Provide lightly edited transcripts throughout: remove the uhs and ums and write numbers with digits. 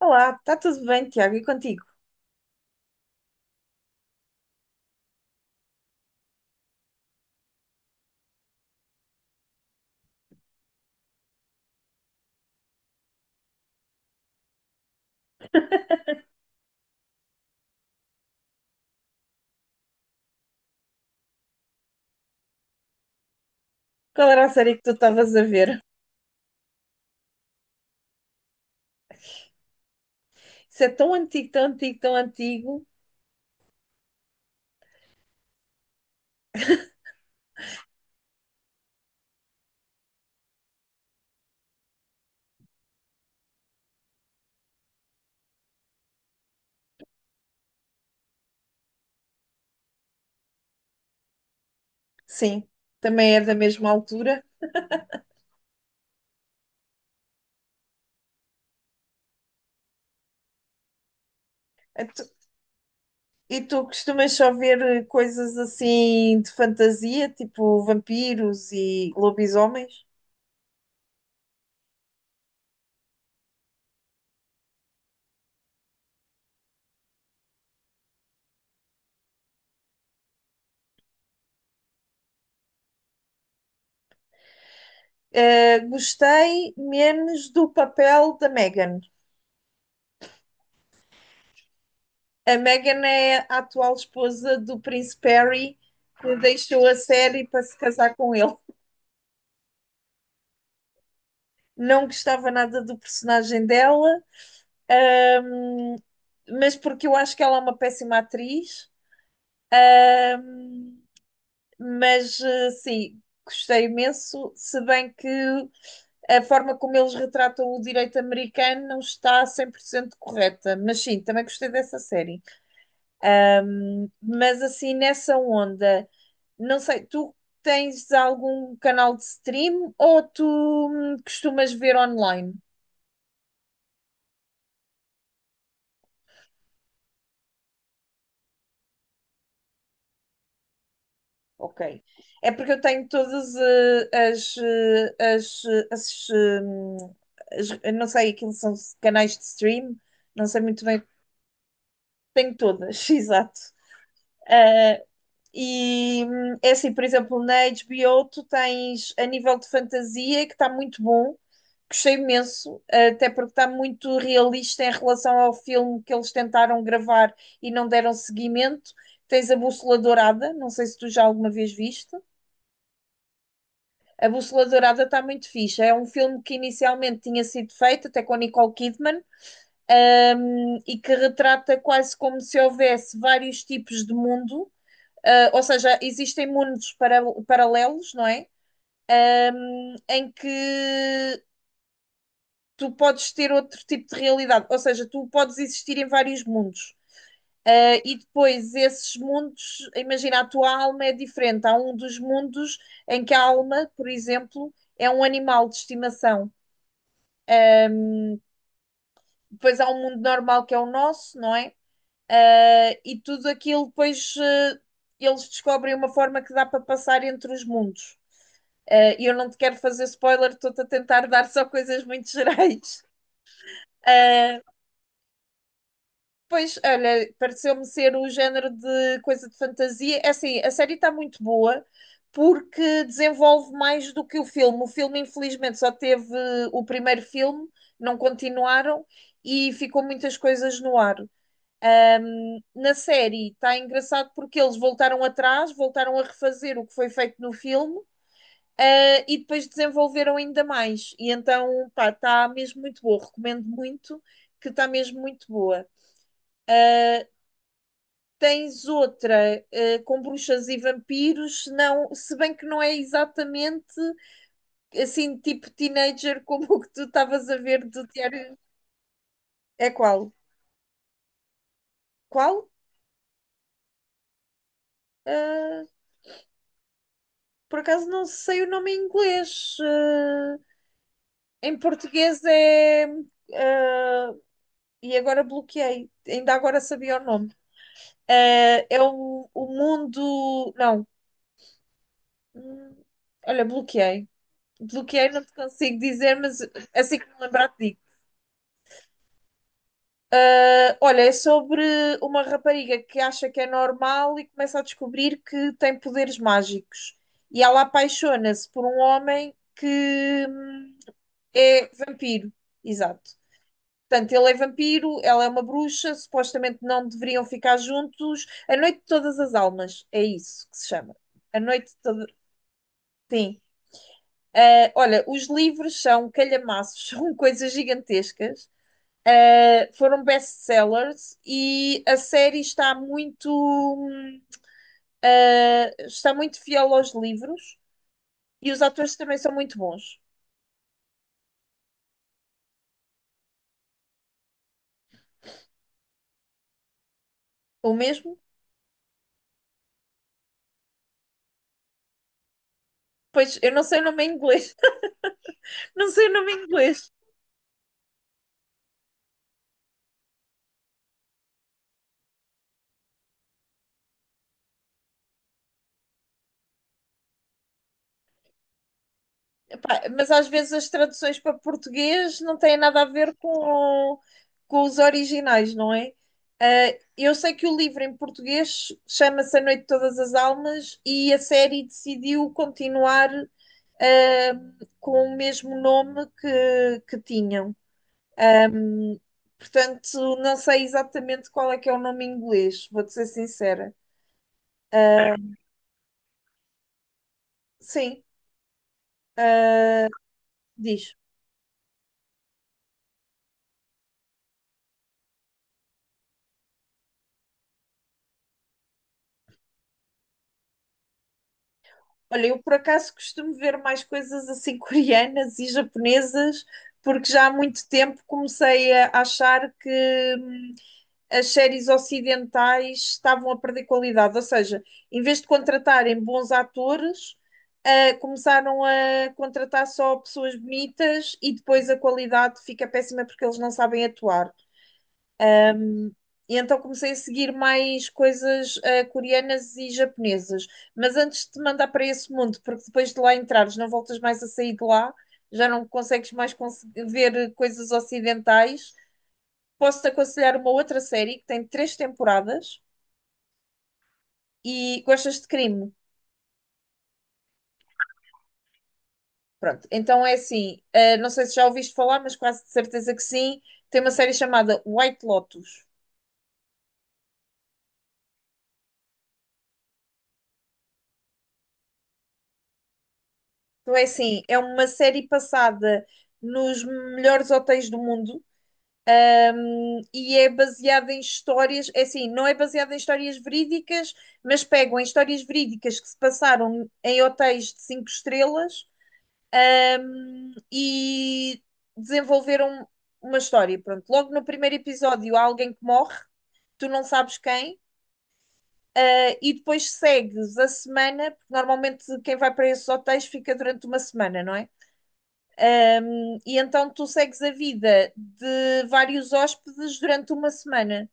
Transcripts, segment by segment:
Olá, está tudo bem, Tiago? E contigo? Qual era a série que tu estavas a ver? Isso é tão antigo, tão antigo, tão antigo. Sim, também é da mesma altura. E tu, e tu costumas só ver coisas assim de fantasia, tipo vampiros e lobisomens? Gostei menos do papel da Meghan. A Meghan é a atual esposa do Príncipe Harry, que deixou a série para se casar com ele. Não gostava nada do personagem dela. Ahm, mas porque eu acho que ela é uma péssima atriz, mas sim, gostei imenso, se bem que a forma como eles retratam o direito americano não está 100% correta, mas sim, também gostei dessa série. Mas assim, nessa onda, não sei, tu tens algum canal de stream ou tu costumas ver online? Ok. É porque eu tenho todas eu não sei, aquilo são canais de stream, não sei muito bem, tenho todas, exato. Eh, É assim, por exemplo, na HBO tu tens a nível de fantasia que está muito bom, gostei imenso, até porque está muito realista em relação ao filme que eles tentaram gravar e não deram seguimento. Tens a Bússola Dourada, não sei se tu já alguma vez viste. A Bússola Dourada está muito fixe. É um filme que inicialmente tinha sido feito, até com a Nicole Kidman, e que retrata quase como se houvesse vários tipos de mundo, ou seja, existem mundos paralelos, não é? Em que tu podes ter outro tipo de realidade, ou seja, tu podes existir em vários mundos. E depois esses mundos, imagina, a tua alma é diferente. Há um dos mundos em que a alma, por exemplo, é um animal de estimação. Depois há um mundo normal que é o nosso, não é? E tudo aquilo depois eles descobrem uma forma que dá para passar entre os mundos. E eu não te quero fazer spoiler, estou-te a tentar dar só coisas muito gerais. Ah, pois, olha, pareceu-me ser o género de coisa de fantasia. É assim, a série está muito boa porque desenvolve mais do que o filme. O filme, infelizmente, só teve o primeiro filme, não continuaram e ficou muitas coisas no ar. Na série está engraçado porque eles voltaram atrás, voltaram a refazer o que foi feito no filme, e depois desenvolveram ainda mais. E então, pá, está mesmo muito boa. Recomendo muito, que está mesmo muito boa. Tens outra, com bruxas e vampiros, não, se bem que não é exatamente assim, tipo teenager, como o que tu estavas a ver do Diário. É qual? Qual? Ah, por acaso não sei o nome em inglês. Em português é. ah, e agora bloqueei, ainda agora sabia o nome. Ah, É o mundo. Não. Hum. Olha, bloqueei. Bloqueei, não te consigo dizer, mas assim que me lembrar, te digo. Olha, é sobre uma rapariga que acha que é normal e começa a descobrir que tem poderes mágicos. E ela apaixona-se por um homem que é vampiro. Exato. Portanto, ele é vampiro, ela é uma bruxa, supostamente não deveriam ficar juntos. A Noite de Todas as Almas, é isso que se chama. A Noite de Todas. Sim. Olha, os livros são calhamaços, são coisas gigantescas. Foram best-sellers e a série está muito, está muito fiel aos livros e os atores também são muito bons. O mesmo? Pois, eu não sei o nome em inglês. Não sei o nome em inglês. Pá, mas às vezes as traduções para português não têm nada a ver com os originais, não é? Ah, eu sei que o livro em português chama-se A Noite de Todas as Almas e a série decidiu continuar, ah, com o mesmo nome que tinham. Portanto, não sei exatamente qual é que é o nome em inglês, vou-te ser sincera. Sim, diz. Olha, eu por acaso costumo ver mais coisas assim coreanas e japonesas, porque já há muito tempo comecei a achar que hum, as séries ocidentais estavam a perder qualidade. Ou seja, em vez de contratarem bons atores, começaram a contratar só pessoas bonitas e depois a qualidade fica péssima porque eles não sabem atuar. E então comecei a seguir mais coisas coreanas e japonesas. Mas antes de te mandar para esse mundo, porque depois de lá entrares, não voltas mais a sair de lá, já não consegues mais ver coisas ocidentais. Posso-te aconselhar uma outra série que tem três temporadas e gostas de crime. Pronto, então é assim, não sei se já ouviste falar, mas quase de certeza que sim. Tem uma série chamada White Lotus. Então é assim, é uma série passada nos melhores hotéis do mundo e é baseada em histórias, é assim, não é baseada em histórias verídicas, mas pegam em histórias verídicas que se passaram em hotéis de cinco estrelas e desenvolveram uma história. Pronto, logo no primeiro episódio há alguém que morre, tu não sabes quem, e depois segues a semana, porque normalmente quem vai para esses hotéis fica durante uma semana, não é? E então tu segues a vida de vários hóspedes durante uma semana.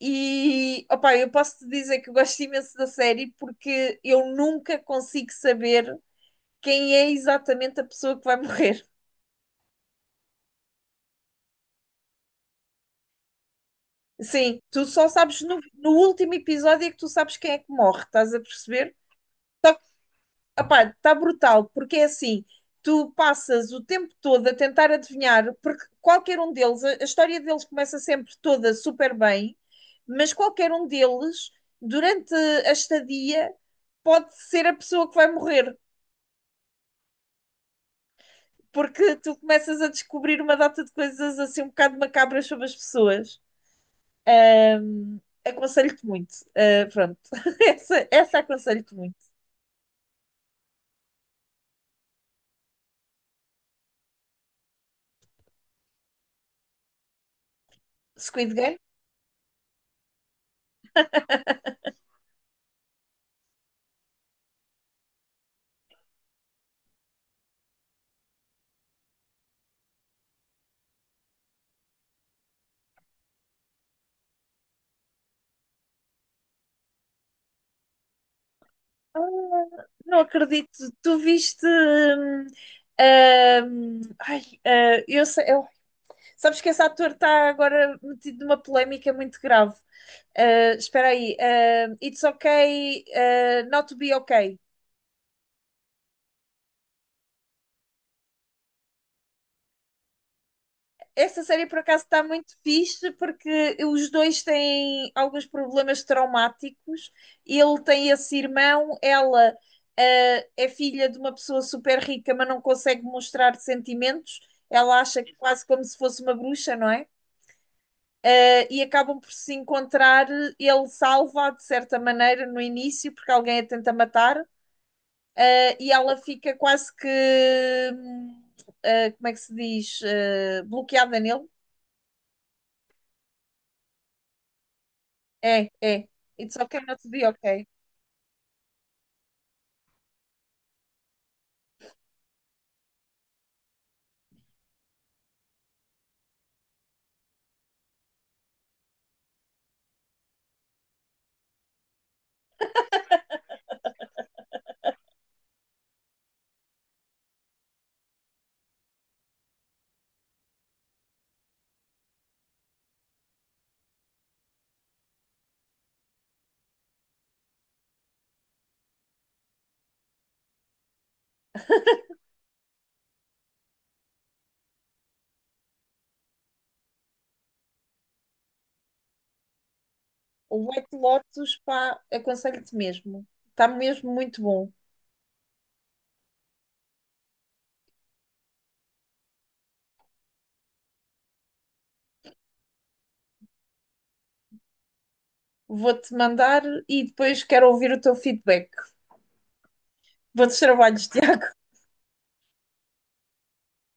E opá, eu posso te dizer que eu gosto imenso da série porque eu nunca consigo saber quem é exatamente a pessoa que vai morrer. Sim, tu só sabes no último episódio é que tu sabes quem é que morre, estás a perceber? Só que, opá, está brutal, porque é assim, tu passas o tempo todo a tentar adivinhar, porque qualquer um deles, a história deles começa sempre toda super bem, mas qualquer um deles, durante a estadia, pode ser a pessoa que vai morrer. Porque tu começas a descobrir uma data de coisas assim um bocado macabras sobre as pessoas. Ahm, Aconselho-te muito. Pronto, essa aconselho-te muito. Squid Game? Ah, não acredito. Tu viste. Eu sei, sabes que esse ator está agora metido numa polémica muito grave. Espera aí. It's okay, not to be okay. Essa série por acaso está muito fixe porque os dois têm alguns problemas traumáticos. Ele tem esse irmão, ela é filha de uma pessoa super rica, mas não consegue mostrar sentimentos. Ela acha que quase como se fosse uma bruxa, não é? E acabam por se encontrar. Ele salva de certa maneira no início, porque alguém a tenta matar, e ela fica quase que, hum, como é que se diz, bloqueada nele. É, é. It's okay not to be okay. O White Lotus, pá, aconselho-te mesmo. Está mesmo muito bom. Vou-te mandar e depois quero ouvir o teu feedback. Bons trabalhos, Tiago.